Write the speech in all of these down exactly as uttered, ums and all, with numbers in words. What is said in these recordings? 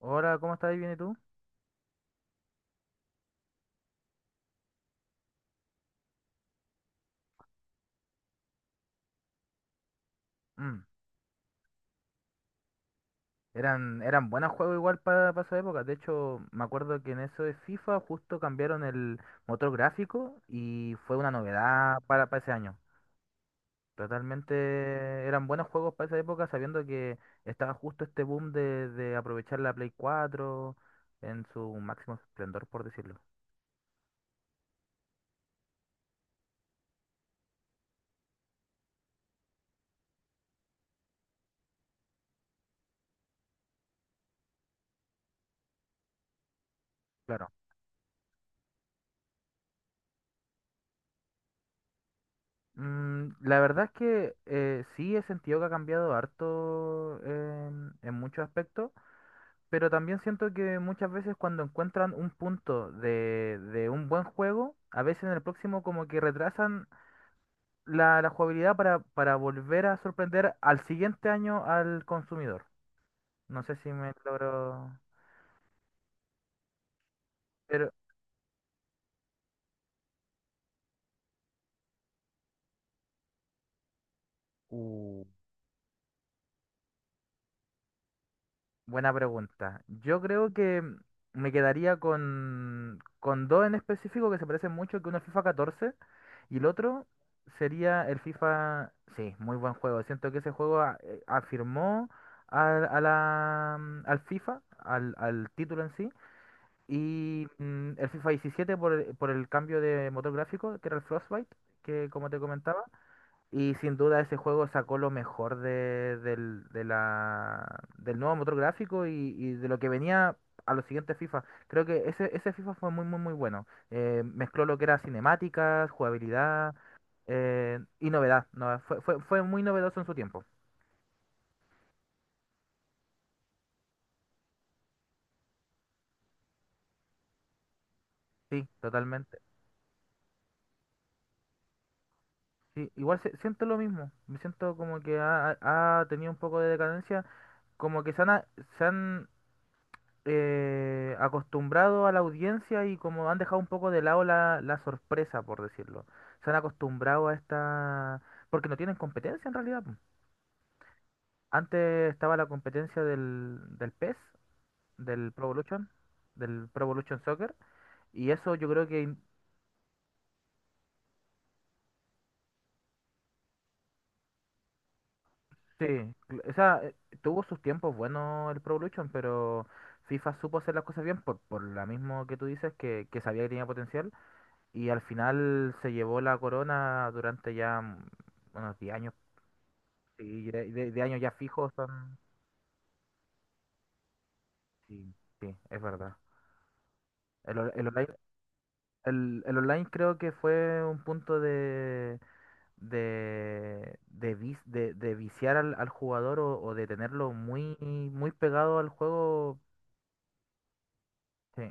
Hola, ¿cómo estás? ¿Bien y tú? Mm, Eran, eran buenos juegos igual para, para esa época. De hecho, me acuerdo que en eso de FIFA justo cambiaron el motor gráfico y fue una novedad para, para ese año. Totalmente eran buenos juegos para esa época, sabiendo que estaba justo este boom de, de aprovechar la Play cuatro en su máximo esplendor, por decirlo. Claro. Mm, la verdad es que eh, sí he sentido que ha cambiado harto en en muchos aspectos. Pero también siento que muchas veces cuando encuentran un punto de, de un buen juego, a veces en el próximo como que retrasan la, la jugabilidad para, para volver a sorprender al siguiente año al consumidor. No sé si me logro... Pero... Uh. Buena pregunta. Yo creo que me quedaría con, con dos en específico que se parecen mucho, que uno es FIFA catorce y el otro sería el FIFA... Sí, muy buen juego. Siento que ese juego a- eh, afirmó al, a la, mm, al FIFA, al, al título en sí, y mm, el FIFA diecisiete por, el- por el cambio de motor gráfico, que era el Frostbite, que como te comentaba. Y sin duda ese juego sacó lo mejor de, del, de la, del nuevo motor gráfico y, y de lo que venía a los siguientes FIFA. Creo que ese, ese FIFA fue muy, muy, muy bueno. Eh, mezcló lo que era cinemáticas, jugabilidad, eh, y novedad. No, fue, fue, fue muy novedoso en su tiempo. Sí, totalmente. Sí, igual se- siento lo mismo. Me siento como que ha, ha ha tenido un poco de decadencia. Como que se han, a- se han eh, acostumbrado a la audiencia y como han dejado un poco de lado la, la sorpresa, por decirlo. Se han acostumbrado a esta... Porque no tienen competencia en realidad, po. Antes estaba la competencia del, del P E S, del Pro Evolution, del Pro Evolution Soccer, y eso yo creo que... in- Sí, cl- o sea, eh, tuvo sus tiempos buenos el Pro Evolution, pero FIFA supo hacer las cosas bien por, por lo mismo que tú dices, que, que sabía que tenía potencial. Y al final se llevó la corona durante ya mm, unos diez años, sí, de, de- de años ya fijos son, sí, sí, es verdad. El, on- el online, el, el online creo que fue un punto de, de, de, vis- de, de viciar al, al jugador o, o de tenerlo muy, muy pegado al juego. Sí.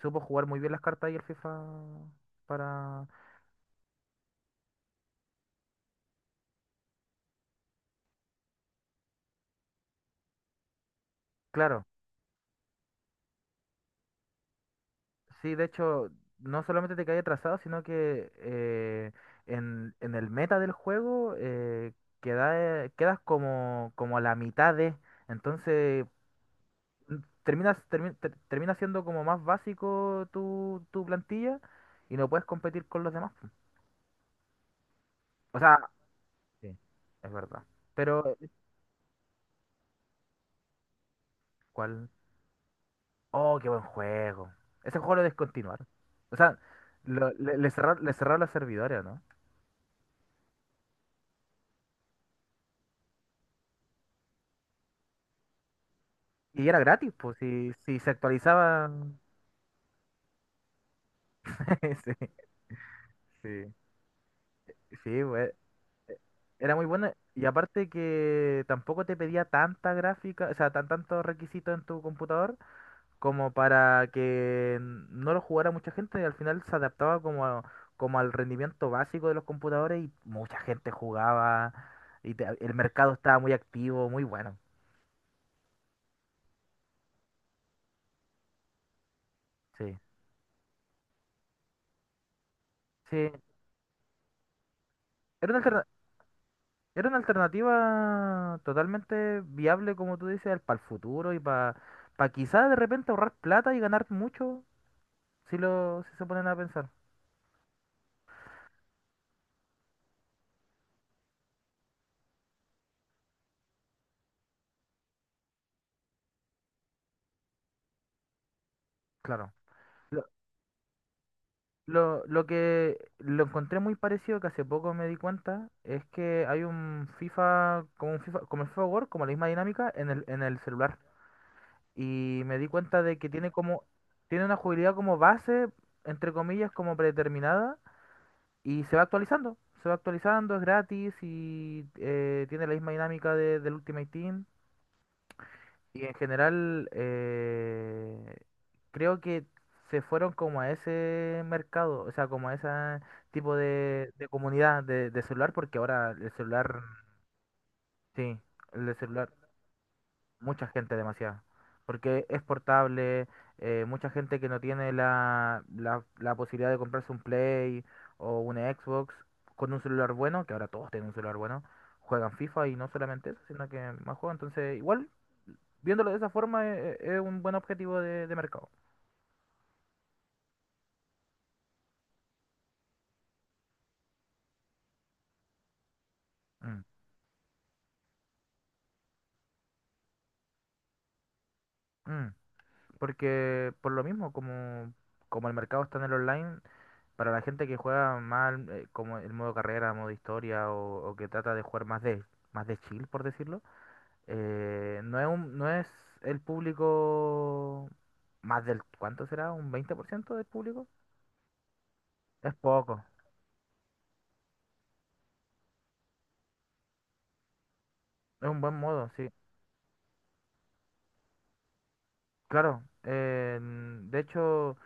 Supo jugar muy bien las cartas y el FIFA para... Claro. Sí, de hecho, no solamente te cae atrasado, sino que eh, en, en el meta del juego, eh, queda- eh, quedas como, como a la mitad de. Entonces, mm, terminas, termi- ter- termina siendo como más básico tu, tu plantilla y no puedes competir con los demás, po. O sea, sí, es verdad. Pero... ¿Cuál? Oh, qué buen juego. Ese juego lo descontinuaron. O sea, lo- le, le cerrar- le cerraron los servidores, ¿no? Y era gratis, pues, si, si se actualizaba. Sí, sí, sí, güey. e, Era muy bueno. Y aparte que tampoco te pedía tanta gráfica, o sea, tan tantos requisitos en tu computador como para que no lo jugara mucha gente. Y al final se adaptaba como, a- como al rendimiento básico de los computadores y mucha gente jugaba. Y te- el mercado estaba muy activo, muy bueno. Sí. Sí. Era una alterna- Era una alternativa totalmente viable, como tú dices, para el futuro y para quizás de repente ahorrar plata y ganar mucho, si lo, si se ponen a pensar. Claro. Lo, lo, lo que lo encontré muy parecido, que hace poco me di cuenta, es que hay un FIFA, como un FIFA, como el FIFA World, como la misma dinámica en el, en el celular. Y me di cuenta de que tiene como, tiene una jugabilidad como base, entre comillas, como predeterminada. Y se va actualizando, se va actualizando, es gratis y, eh, tiene la misma dinámica de- del Ultimate Team. Y en general, eh, creo que se fueron como a ese mercado, o sea, como a ese tipo de, de comunidad de, de celular, porque ahora el celular, sí, el de celular, mucha gente, demasiada. Porque es portable, eh, mucha gente que no tiene la, la, la posibilidad de comprarse un Play o una Xbox, con un celular bueno, que ahora todos tienen un celular bueno, juegan FIFA, y no solamente eso, sino que más juegan. Entonces, igual, viéndolo de esa forma, e- e- es, un buen objetivo de, de mercado. Mm, mm. Porque por lo mismo, como, como el mercado está en el online, para la gente que juega mal, eh, como el modo carrera, modo historia, o, o que trata de jugar más de, más de chill, por decirlo, eh, no es un- no es el público más del... ¿Cuánto será? ¿Un veinte por ciento del público? Es poco, es un buen modo, sí. Claro, eh, de hecho...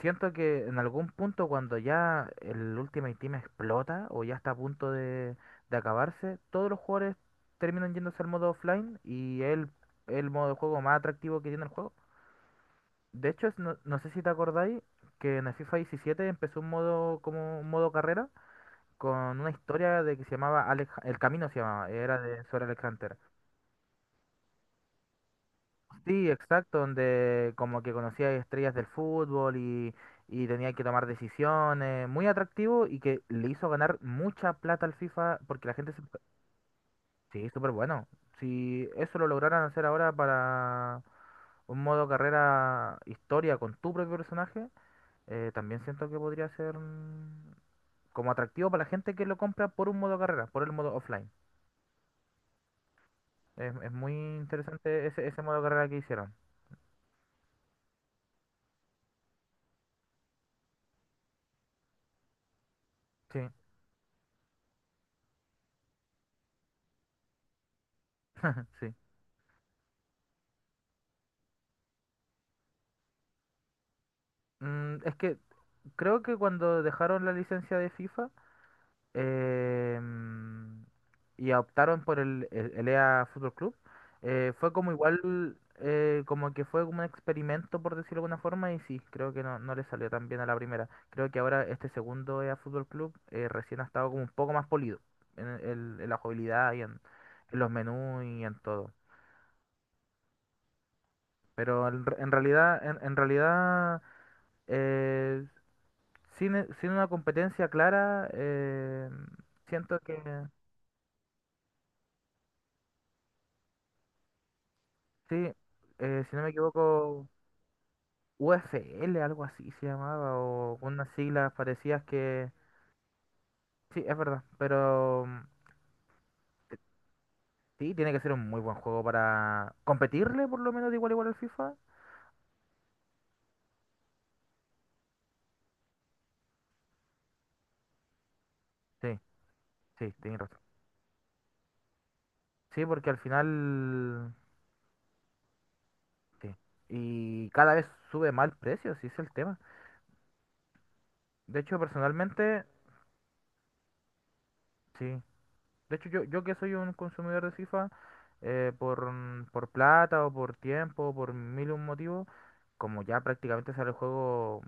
Siento que en algún punto, cuando ya el Ultimate Team explota o ya está a punto de, de acabarse, todos los jugadores terminan yéndose al modo offline, y es el, el modo de juego más atractivo que tiene el juego. De hecho, es- no, no sé si te acordáis que en el FIFA diecisiete empezó un modo, como un modo carrera con una historia, de que se llamaba Alex, El Camino se llamaba, era de sobre Alex Hunter. Sí, exacto, donde como que conocía estrellas del fútbol y, y tenía que tomar decisiones, muy atractivo y que le hizo ganar mucha plata al FIFA porque la gente se... Sí, súper bueno. Si eso lo lograran hacer ahora para un modo carrera historia con tu propio personaje, eh, también siento que podría ser, mm, como atractivo para la gente que lo compra por un modo carrera, por el modo offline. Es, es muy interesante ese, ese modo carrera que hicieron. Sí, sí. Mm, es que creo que cuando dejaron la licencia de FIFA, em, y optaron por el, el, el E A Fútbol Club, eh, fue como igual, eh, como que fue como un experimento, por decirlo de alguna forma, y sí, creo que no, no le salió tan bien a la primera. Creo que ahora este segundo E A Fútbol Club, eh, recién ha estado como un poco más polido en, el- en la jugabilidad y en, en los menús y en todo. Pero en, en realidad, en en realidad... Eh, Sin, e- sin una competencia clara, eh, siento que sí, eh, si no me equivoco, U F L, algo así se llamaba, o unas siglas parecidas que... Sí, es verdad, pero mm, sí, tiene que ser un muy buen juego para competirle por lo menos de igual a igual al FIFA. Sí, sí, tienes razón. Sí, porque al final... Sí. Y cada vez sube mal precio, sí es el tema. De hecho, personalmente, sí. De hecho, yo, yo que soy un consumidor de FIFA, eh, por, mm, por plata o por tiempo, por mil y un motivos, como ya prácticamente sale el juego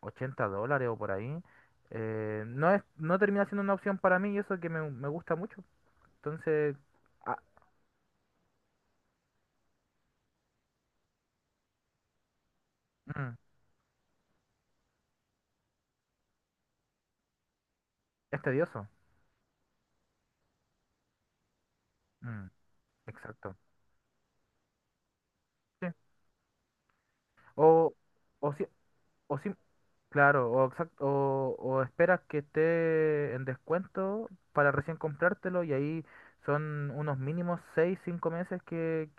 ochenta dólares o por ahí, eh, no es, no termina siendo una opción para mí, y eso que me, me gusta mucho. Entonces, ah, mm, es tedioso. Mm, exacto. Sí. O, o, si- O si, claro, o, exact- o, o esperas que esté en descuento para recién comprártelo, y ahí son unos mínimos seis cinco meses que,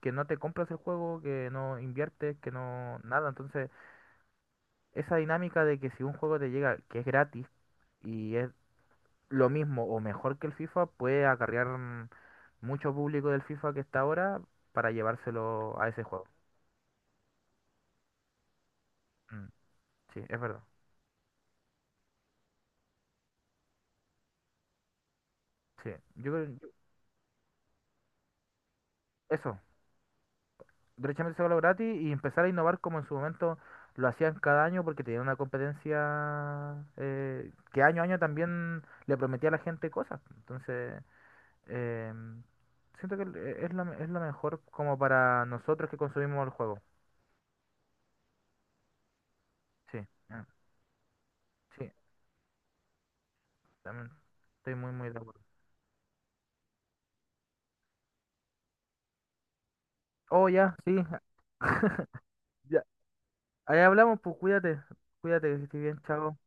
que no te compras el juego, que no inviertes, que no nada. Entonces, esa dinámica de que si un juego te llega que es gratis y es lo mismo o mejor que el FIFA, puede acarrear, mm, mucho público del FIFA que está ahora para llevárselo a ese juego. Mm, sí, es verdad. Sí, yo creo, yo- eso, derechamente sacarlo gratis y empezar a innovar como en su momento lo hacían cada año, porque tenían una competencia, eh, que año a año también le prometía a la gente cosas. Entonces, eh, siento que e- es lo, me- es lo mejor como para nosotros que consumimos el juego. Sí, ah, sí, también estoy muy, muy de acuerdo. Oh, ya, sí, ya. Ahí hablamos, pues cuídate, cuídate, que estés bien, chao.